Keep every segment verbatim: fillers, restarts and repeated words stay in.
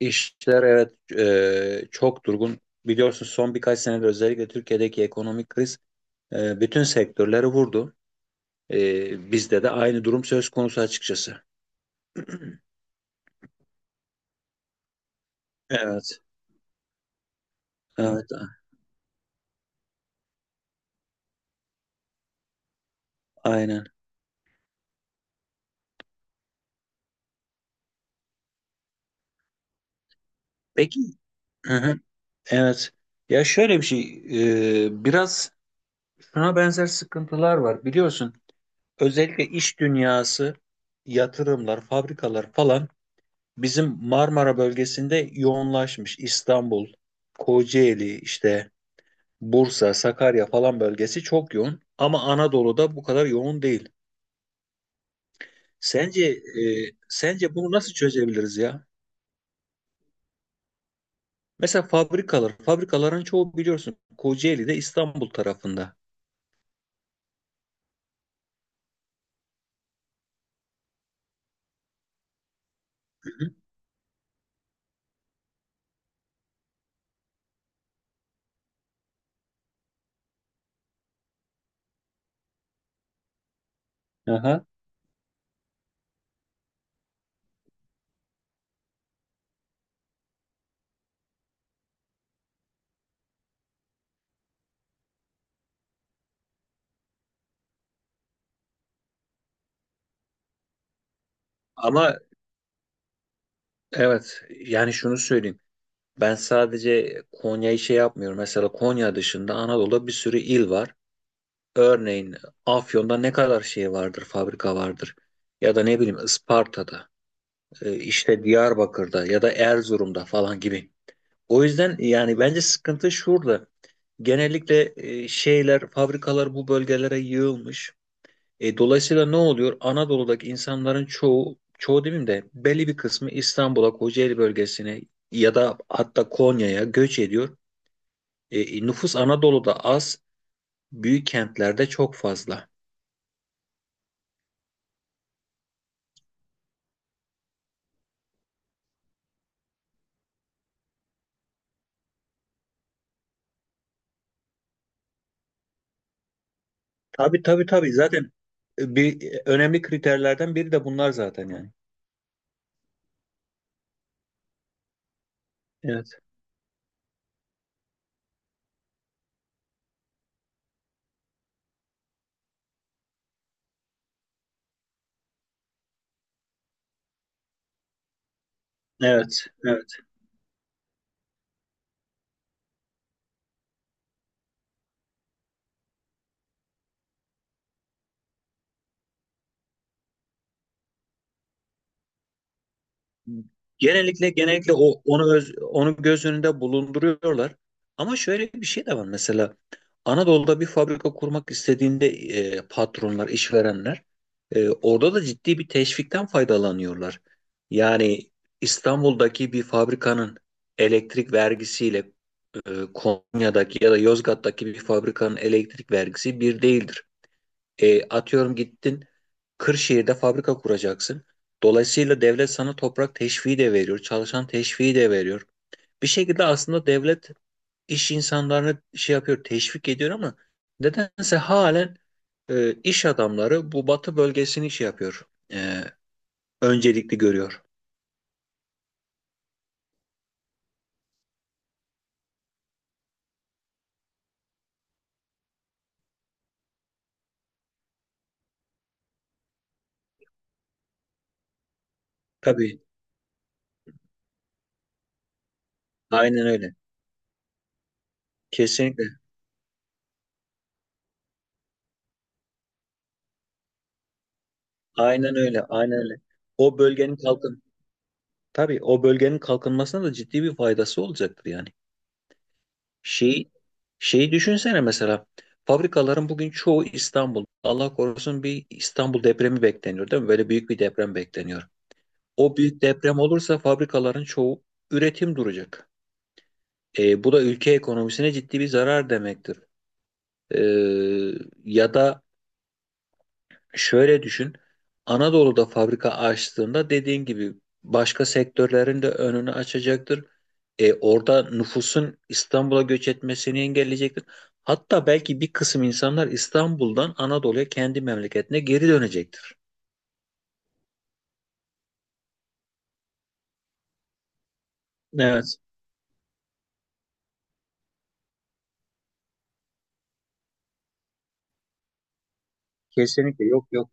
İşler, evet, e, çok durgun. Biliyorsunuz son birkaç senedir özellikle Türkiye'deki ekonomik kriz e, bütün sektörleri vurdu. E, bizde de aynı durum söz konusu açıkçası. Evet, evet, a- aynen. Peki, hı hı, evet. Ya şöyle bir şey, e, biraz şuna benzer sıkıntılar var. Biliyorsun, özellikle iş dünyası, yatırımlar, fabrikalar falan bizim Marmara bölgesinde yoğunlaşmış. İstanbul, Kocaeli, işte. Bursa, Sakarya falan bölgesi çok yoğun ama Anadolu'da bu kadar yoğun değil. Sence e, sence bunu nasıl çözebiliriz ya? Mesela fabrikalar, fabrikaların çoğu biliyorsun Kocaeli'de, İstanbul tarafında. Hı hı. Aha. Ama evet, yani şunu söyleyeyim. Ben sadece Konya'yı şey yapmıyorum. Mesela Konya dışında Anadolu'da bir sürü il var. Örneğin Afyon'da ne kadar şey vardır, fabrika vardır. Ya da ne bileyim Isparta'da, e, işte Diyarbakır'da ya da Erzurum'da falan gibi. O yüzden yani bence sıkıntı şurada. Genellikle e, şeyler, fabrikalar bu bölgelere yığılmış. E, dolayısıyla ne oluyor? Anadolu'daki insanların çoğu, çoğu demeyeyim de belli bir kısmı İstanbul'a, Kocaeli bölgesine ya da hatta Konya'ya göç ediyor. E, e, nüfus Anadolu'da az, büyük kentlerde çok fazla. Tabii tabii tabii, zaten e, bir önemli kriterlerden biri de bunlar zaten yani. Evet. Evet. Evet. Genellikle genellikle o onu öz, onu göz önünde bulunduruyorlar. Ama şöyle bir şey de var mesela. Anadolu'da bir fabrika kurmak istediğinde e, patronlar, işverenler e, orada da ciddi bir teşvikten faydalanıyorlar. Yani İstanbul'daki bir fabrikanın elektrik vergisiyle e, Konya'daki ya da Yozgat'taki bir fabrikanın elektrik vergisi bir değildir. E, atıyorum, gittin Kırşehir'de fabrika kuracaksın. Dolayısıyla devlet sana toprak teşviği de veriyor, çalışan teşviği de veriyor. Bir şekilde aslında devlet iş insanlarını şey yapıyor, teşvik ediyor ama nedense halen e, iş adamları bu batı bölgesini şey yapıyor, e, öncelikli görüyor. Tabii, aynen öyle. Kesinlikle. Aynen öyle, aynen öyle. O bölgenin kalkın, tabii o bölgenin kalkınmasına da ciddi bir faydası olacaktır yani. Şey, şeyi düşünsene mesela. Fabrikaların bugün çoğu İstanbul. Allah korusun, bir İstanbul depremi bekleniyor, değil mi? Böyle büyük bir deprem bekleniyor. O büyük deprem olursa fabrikaların çoğu üretim duracak. E, bu da ülke ekonomisine ciddi bir zarar demektir. E, ya da Şöyle düşün. Anadolu'da fabrika açtığında, dediğin gibi, başka sektörlerin de önünü açacaktır. E, orada nüfusun İstanbul'a göç etmesini engelleyecektir. Hatta belki bir kısım insanlar İstanbul'dan Anadolu'ya, kendi memleketine geri dönecektir. Evet, kesinlikle, yok yok.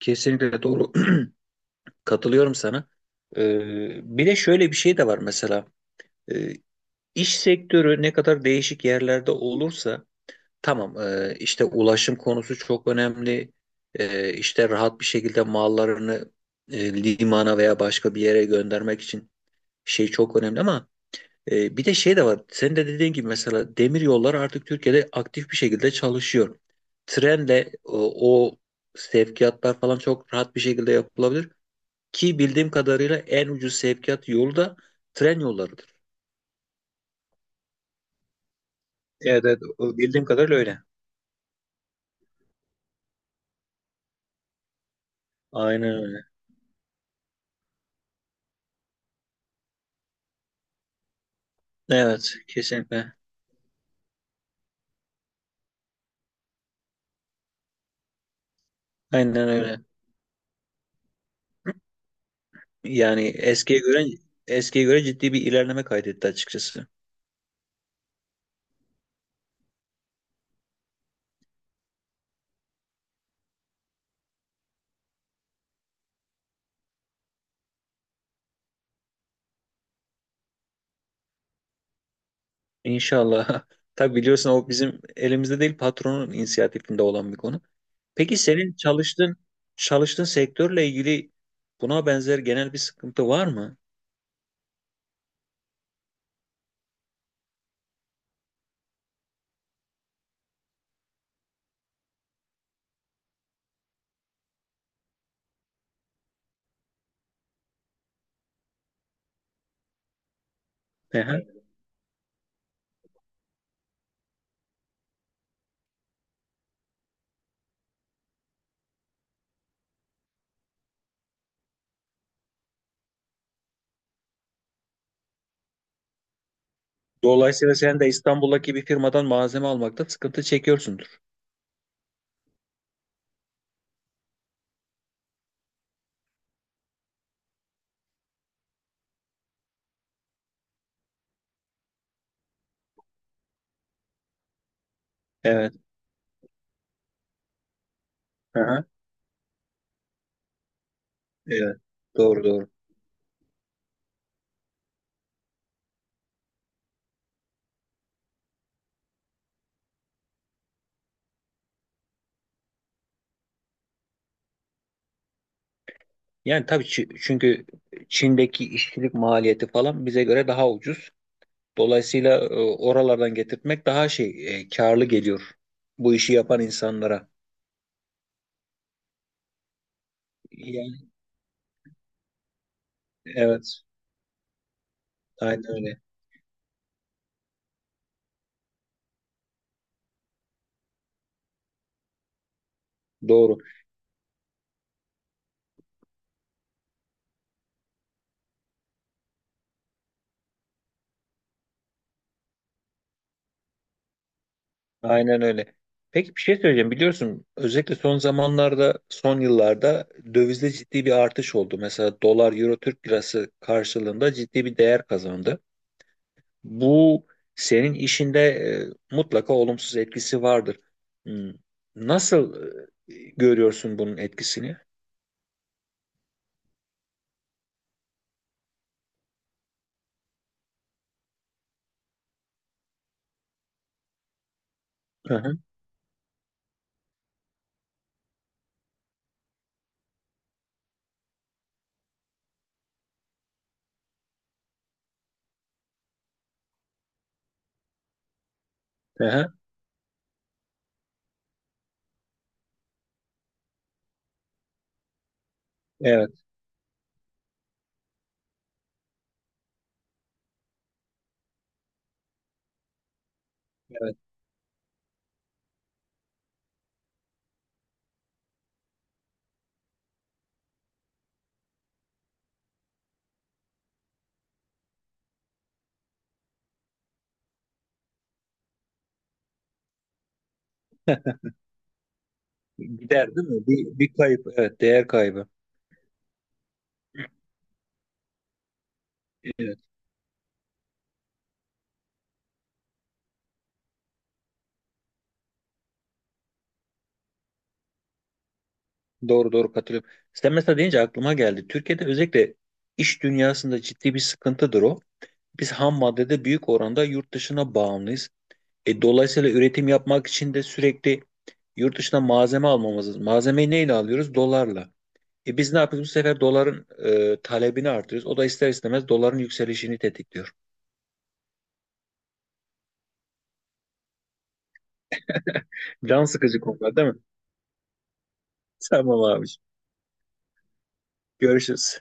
Kesinlikle doğru. Katılıyorum sana. Ee, bir de şöyle bir şey de var mesela. Ee, iş sektörü ne kadar değişik yerlerde olursa. Tamam, e, işte ulaşım konusu çok önemli. E, işte rahat bir şekilde mallarını e, limana veya başka bir yere göndermek için şey çok önemli ama e, bir de şey de var. Senin de dediğin gibi, mesela demir yolları artık Türkiye'de aktif bir şekilde çalışıyor. Trenle e, o sevkiyatlar falan çok rahat bir şekilde yapılabilir ki bildiğim kadarıyla en ucuz sevkiyat yolu da tren yollarıdır. Evet, evet, o bildiğim kadarıyla öyle. Aynen öyle. Evet, kesinlikle. Aynen öyle. Yani eskiye göre eskiye göre ciddi bir ilerleme kaydetti açıkçası. İnşallah. Tabii biliyorsun, o bizim elimizde değil, patronun inisiyatifinde olan bir konu. Peki, senin çalıştığın çalıştığın sektörle ilgili buna benzer genel bir sıkıntı var mı? Hı hı. Dolayısıyla sen de İstanbul'daki bir firmadan malzeme almakta sıkıntı çekiyorsundur. Evet. Hı hı. Evet. Doğru doğru. Yani tabii çü- çünkü Çin'deki işçilik maliyeti falan bize göre daha ucuz. Dolayısıyla e, oralardan getirtmek daha şey, e, karlı geliyor bu işi yapan insanlara. Yani evet, aynen öyle. Doğru. Aynen öyle. Peki, bir şey söyleyeceğim. Biliyorsun, özellikle son zamanlarda, son yıllarda dövizde ciddi bir artış oldu. Mesela dolar, euro, Türk lirası karşılığında ciddi bir değer kazandı. Bu senin işinde e, mutlaka olumsuz etkisi vardır. Hmm. Nasıl e, görüyorsun bunun etkisini? Hı hı, hı hı. Evet, evet. Gider, değil mi? Bir, bir kayıp. Evet, değer kaybı. Evet, doğru doğru katılıyorum. Sen mesela deyince aklıma geldi. Türkiye'de özellikle iş dünyasında ciddi bir sıkıntıdır o. Biz ham maddede büyük oranda yurt dışına bağımlıyız. E, dolayısıyla üretim yapmak için de sürekli yurt dışına malzeme almamız lazım. Malzemeyi neyle alıyoruz? Dolarla. E, biz ne yapıyoruz? Bu sefer doların e, talebini artırıyoruz. O da ister istemez doların yükselişini tetikliyor. Can sıkıcı konular, değil mi? Tamam abi. Görüşürüz.